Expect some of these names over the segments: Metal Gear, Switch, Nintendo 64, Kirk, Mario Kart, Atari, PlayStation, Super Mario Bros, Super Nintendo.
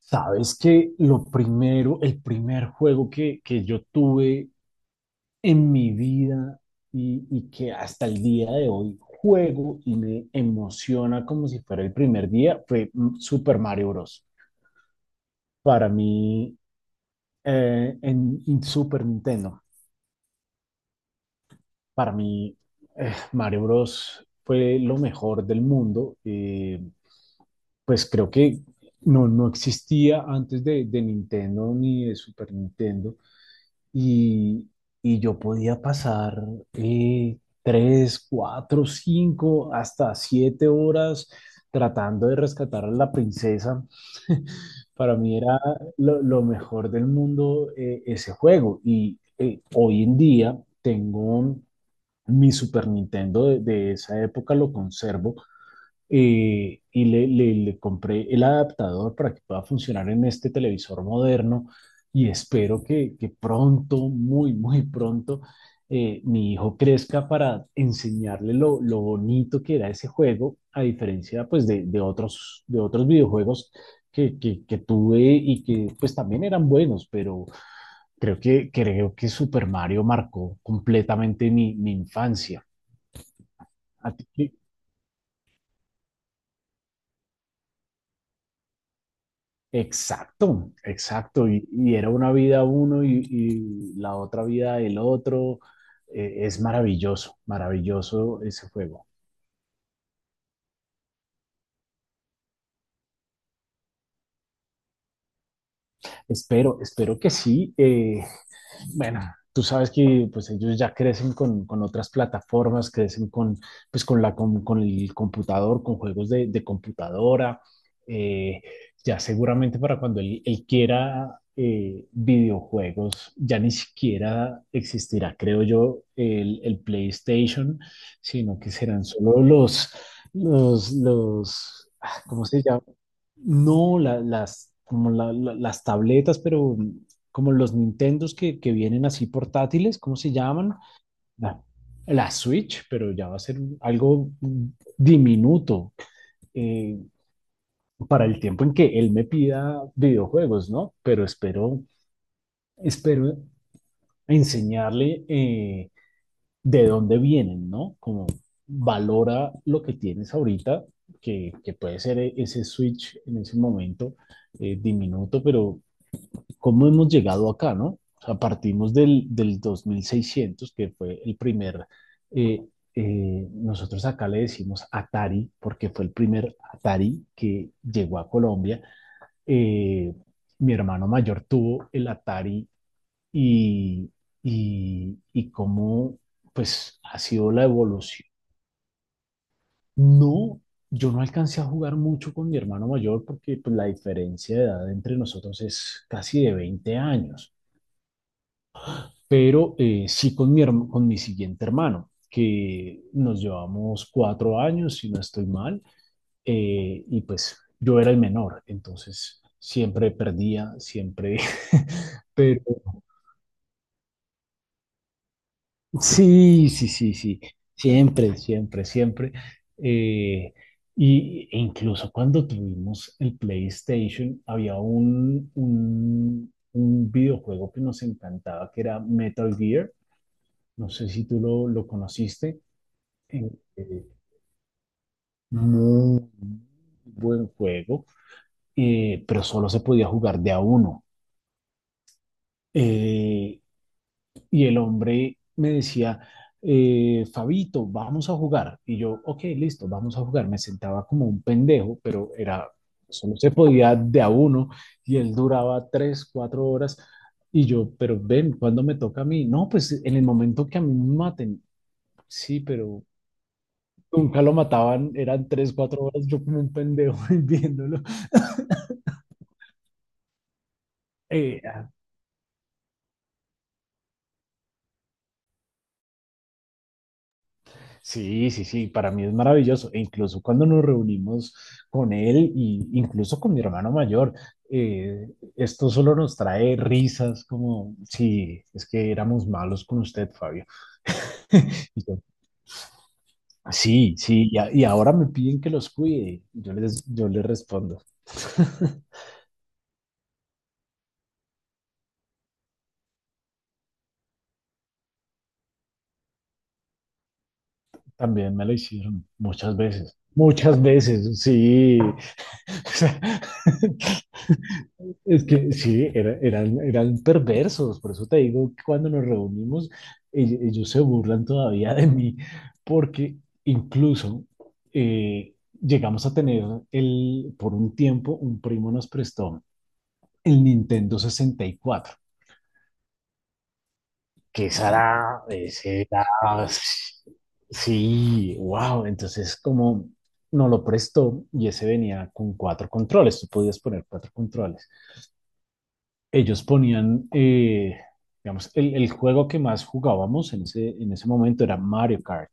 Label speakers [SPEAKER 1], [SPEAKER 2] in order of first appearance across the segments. [SPEAKER 1] Sabes que lo primero, el primer juego que yo tuve en mi vida y que hasta el día de hoy juego y me emociona como si fuera el primer día fue Super Mario Bros. Para mí, en Super Nintendo, para mí Mario Bros. Fue lo mejor del mundo. Pues creo que no existía antes de Nintendo ni de Super Nintendo y, y yo podía pasar 3, 4, 5, hasta 7 horas tratando de rescatar a la princesa. Para mí era lo mejor del mundo, ese juego. Y hoy en día tengo mi Super Nintendo de esa época, lo conservo, y le compré el adaptador para que pueda funcionar en este televisor moderno y espero que pronto, muy, muy pronto, mi hijo crezca para enseñarle lo bonito que era ese juego, a diferencia pues de otros, de otros videojuegos que tuve y que pues también eran buenos, pero creo que Super Mario marcó completamente mi infancia. ¿A ti qué? Exacto, exacto. Y era una vida uno y la otra vida el otro. Es maravilloso, maravilloso ese juego. Espero que sí. Bueno, tú sabes que pues ellos ya crecen con otras plataformas, crecen con, pues, con el computador, con juegos de computadora. Eh, ya seguramente para cuando él quiera videojuegos, ya ni siquiera existirá, creo yo, el PlayStation, sino que serán solo los ¿cómo se llama? No, como las tabletas, pero como los Nintendos que vienen así portátiles, ¿cómo se llaman? La, la Switch, pero ya va a ser algo diminuto, eh, para el tiempo en que él me pida videojuegos, ¿no? Pero espero enseñarle de dónde vienen, ¿no? Como valora lo que tienes ahorita, que puede ser ese Switch en ese momento, diminuto, pero cómo hemos llegado acá, ¿no? O sea, partimos del 2600 que fue el primer, eh, nosotros acá le decimos Atari, porque fue el primer Atari que llegó a Colombia. Eh, Mi hermano mayor tuvo el Atari y, y cómo, pues, ha sido la evolución. No, yo no alcancé a jugar mucho con mi hermano mayor porque, pues, la diferencia de edad entre nosotros es casi de 20 años. Pero sí con con mi siguiente hermano, que nos llevamos 4 años, si no estoy mal, y pues yo era el menor, entonces siempre perdía, siempre, pero sí, sí, sí, sí, siempre, siempre, siempre. eh, y e incluso cuando tuvimos el PlayStation, había un videojuego que nos encantaba, que era Metal Gear. No sé si tú lo conociste. eh, eh, Muy buen juego, pero solo se podía jugar de a uno. Eh, y el hombre me decía, Fabito, vamos a jugar. Y yo, ok, listo, vamos a jugar. Me sentaba como un pendejo, pero era, solo se podía de a uno y él duraba 3, 4 horas. Y yo, pero ven, ¿cuándo me toca a mí? No, pues en el momento que a mí me maten. Sí, pero nunca lo mataban, eran 3, 4 horas, yo como un pendejo viéndolo. Eh, ah, sí, sí, sí, para mí es maravilloso. E incluso cuando nos reunimos con él y incluso con mi hermano mayor, esto solo nos trae risas como, sí, es que éramos malos con usted, Fabio. Y yo, sí, sí, y ahora me piden que los cuide. Y yo les respondo. También me lo hicieron muchas veces. Muchas veces, sí. O sea, Es que sí, eran perversos, por eso te digo que cuando nos reunimos, ellos se burlan todavía de mí, porque incluso eh, llegamos a tener por un tiempo, un primo nos prestó el Nintendo 64, que esa Ujú. era, ese era, sí, wow, entonces como nos lo prestó y ese venía con cuatro controles, tú podías poner cuatro controles. Ellos ponían, digamos, el juego que más jugábamos en ese momento era Mario Kart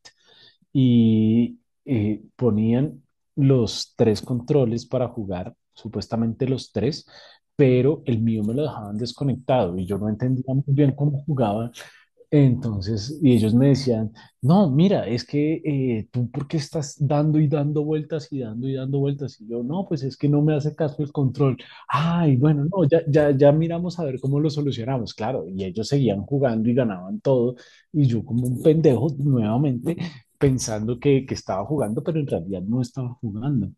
[SPEAKER 1] y ponían los tres controles para jugar, supuestamente los tres, pero el mío me lo dejaban desconectado y yo no entendía muy bien cómo jugaba entonces, y ellos me decían, no, mira, es que tú, ¿por qué estás dando y dando vueltas y dando vueltas? Y yo, no, pues es que no me hace caso el control. Ay, bueno, no, ya, ya, ya miramos a ver cómo lo solucionamos, claro. Y ellos seguían jugando y ganaban todo. Y yo, como un pendejo, nuevamente pensando que estaba jugando, pero en realidad no estaba jugando.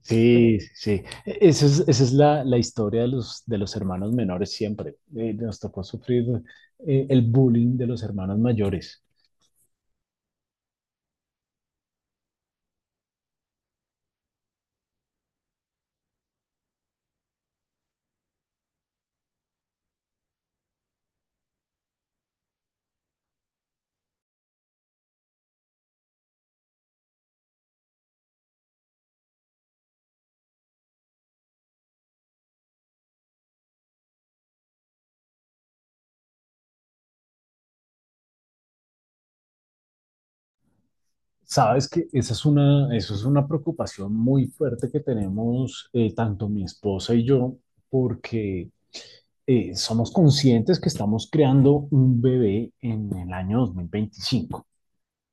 [SPEAKER 1] Sí, sí, sí. Esa es la historia de los hermanos menores siempre. Nos tocó sufrir el bullying de los hermanos mayores. Sabes que eso es una preocupación muy fuerte que tenemos, tanto mi esposa y yo, porque somos conscientes que estamos creando un bebé en el año 2025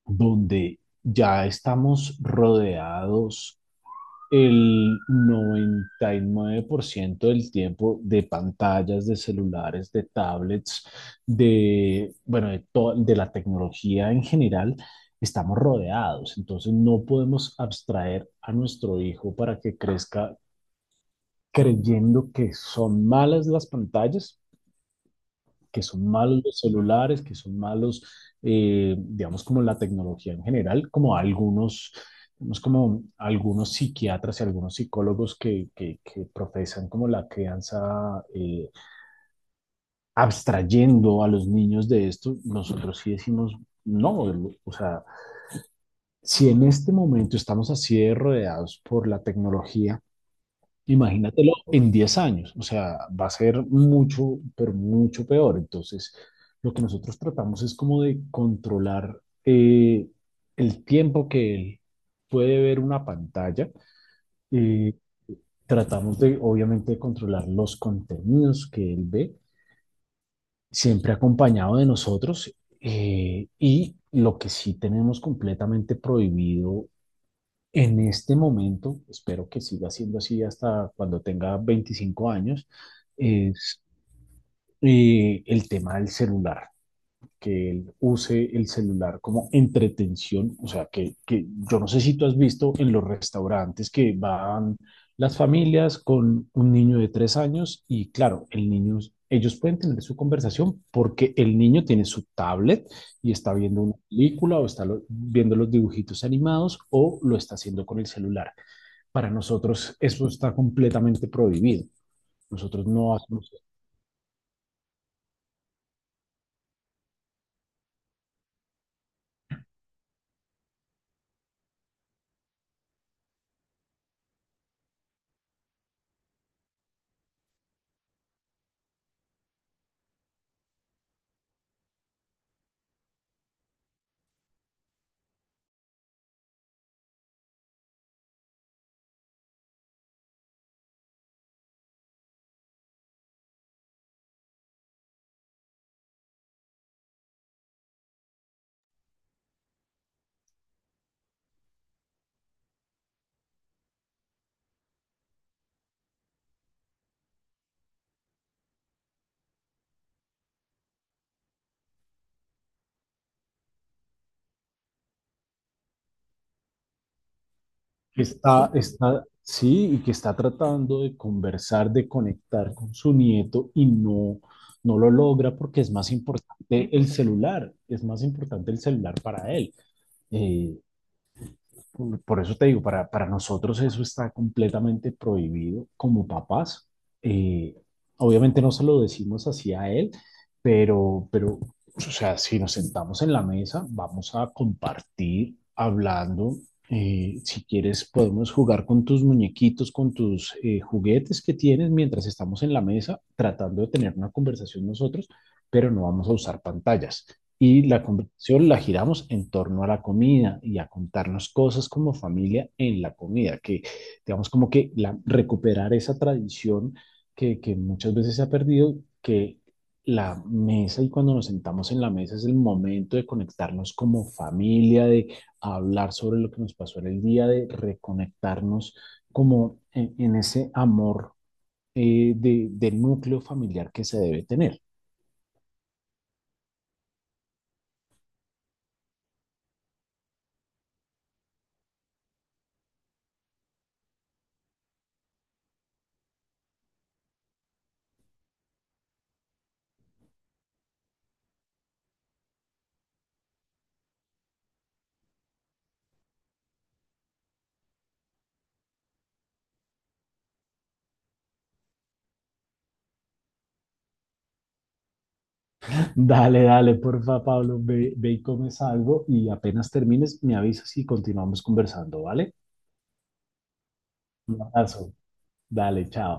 [SPEAKER 1] donde ya estamos rodeados el 99% del tiempo de pantallas, de celulares, de tablets, de, bueno, de la tecnología en general, estamos rodeados. Entonces no podemos abstraer a nuestro hijo para que crezca creyendo que son malas las pantallas, que son malos los celulares, que son malos, digamos, como la tecnología en general, como algunos, digamos, como algunos psiquiatras y algunos psicólogos que profesan como la crianza, abstrayendo a los niños de esto. Nosotros sí decimos, no, o sea, si en este momento estamos así de rodeados por la tecnología, imagínatelo en 10 años. O sea, va a ser mucho, pero mucho peor. Entonces, lo que nosotros tratamos es como de controlar, el tiempo que él puede ver una pantalla. Eh, Tratamos de, obviamente, de controlar los contenidos que él ve, siempre acompañado de nosotros. Y lo que sí tenemos completamente prohibido en este momento, espero que siga siendo así hasta cuando tenga 25 años, es el tema del celular, que él use el celular como entretención, o sea, que yo no sé si tú has visto en los restaurantes que van las familias con un niño de 3 años y, claro, el niño, ellos pueden tener su conversación porque el niño tiene su tablet y está viendo una película o está viendo los dibujitos animados o lo está haciendo con el celular. Para nosotros eso está completamente prohibido. Nosotros no hacemos. Está, está, sí, y que está tratando de conversar, de conectar con su nieto y no lo logra porque es más importante el celular, es más importante el celular para él. Eh, Por eso te digo, para nosotros eso está completamente prohibido como papás. Eh, Obviamente no se lo decimos así a él, pero, pero, o sea, si nos sentamos en la mesa, vamos a compartir hablando. Si quieres, podemos jugar con tus muñequitos, con tus juguetes que tienes mientras estamos en la mesa tratando de tener una conversación nosotros, pero no vamos a usar pantallas. Y la conversación la giramos en torno a la comida y a contarnos cosas como familia en la comida, que, digamos, como recuperar esa tradición que muchas veces se ha perdido, que la mesa y cuando nos sentamos en la mesa es el momento de conectarnos como familia, de hablar sobre lo que nos pasó en el día, de reconectarnos como en ese amor, del núcleo familiar que se debe tener. Dale, dale, porfa, Pablo, ve, ve y comes algo y apenas termines, me avisas y continuamos conversando, ¿vale? Un abrazo. Dale, chao.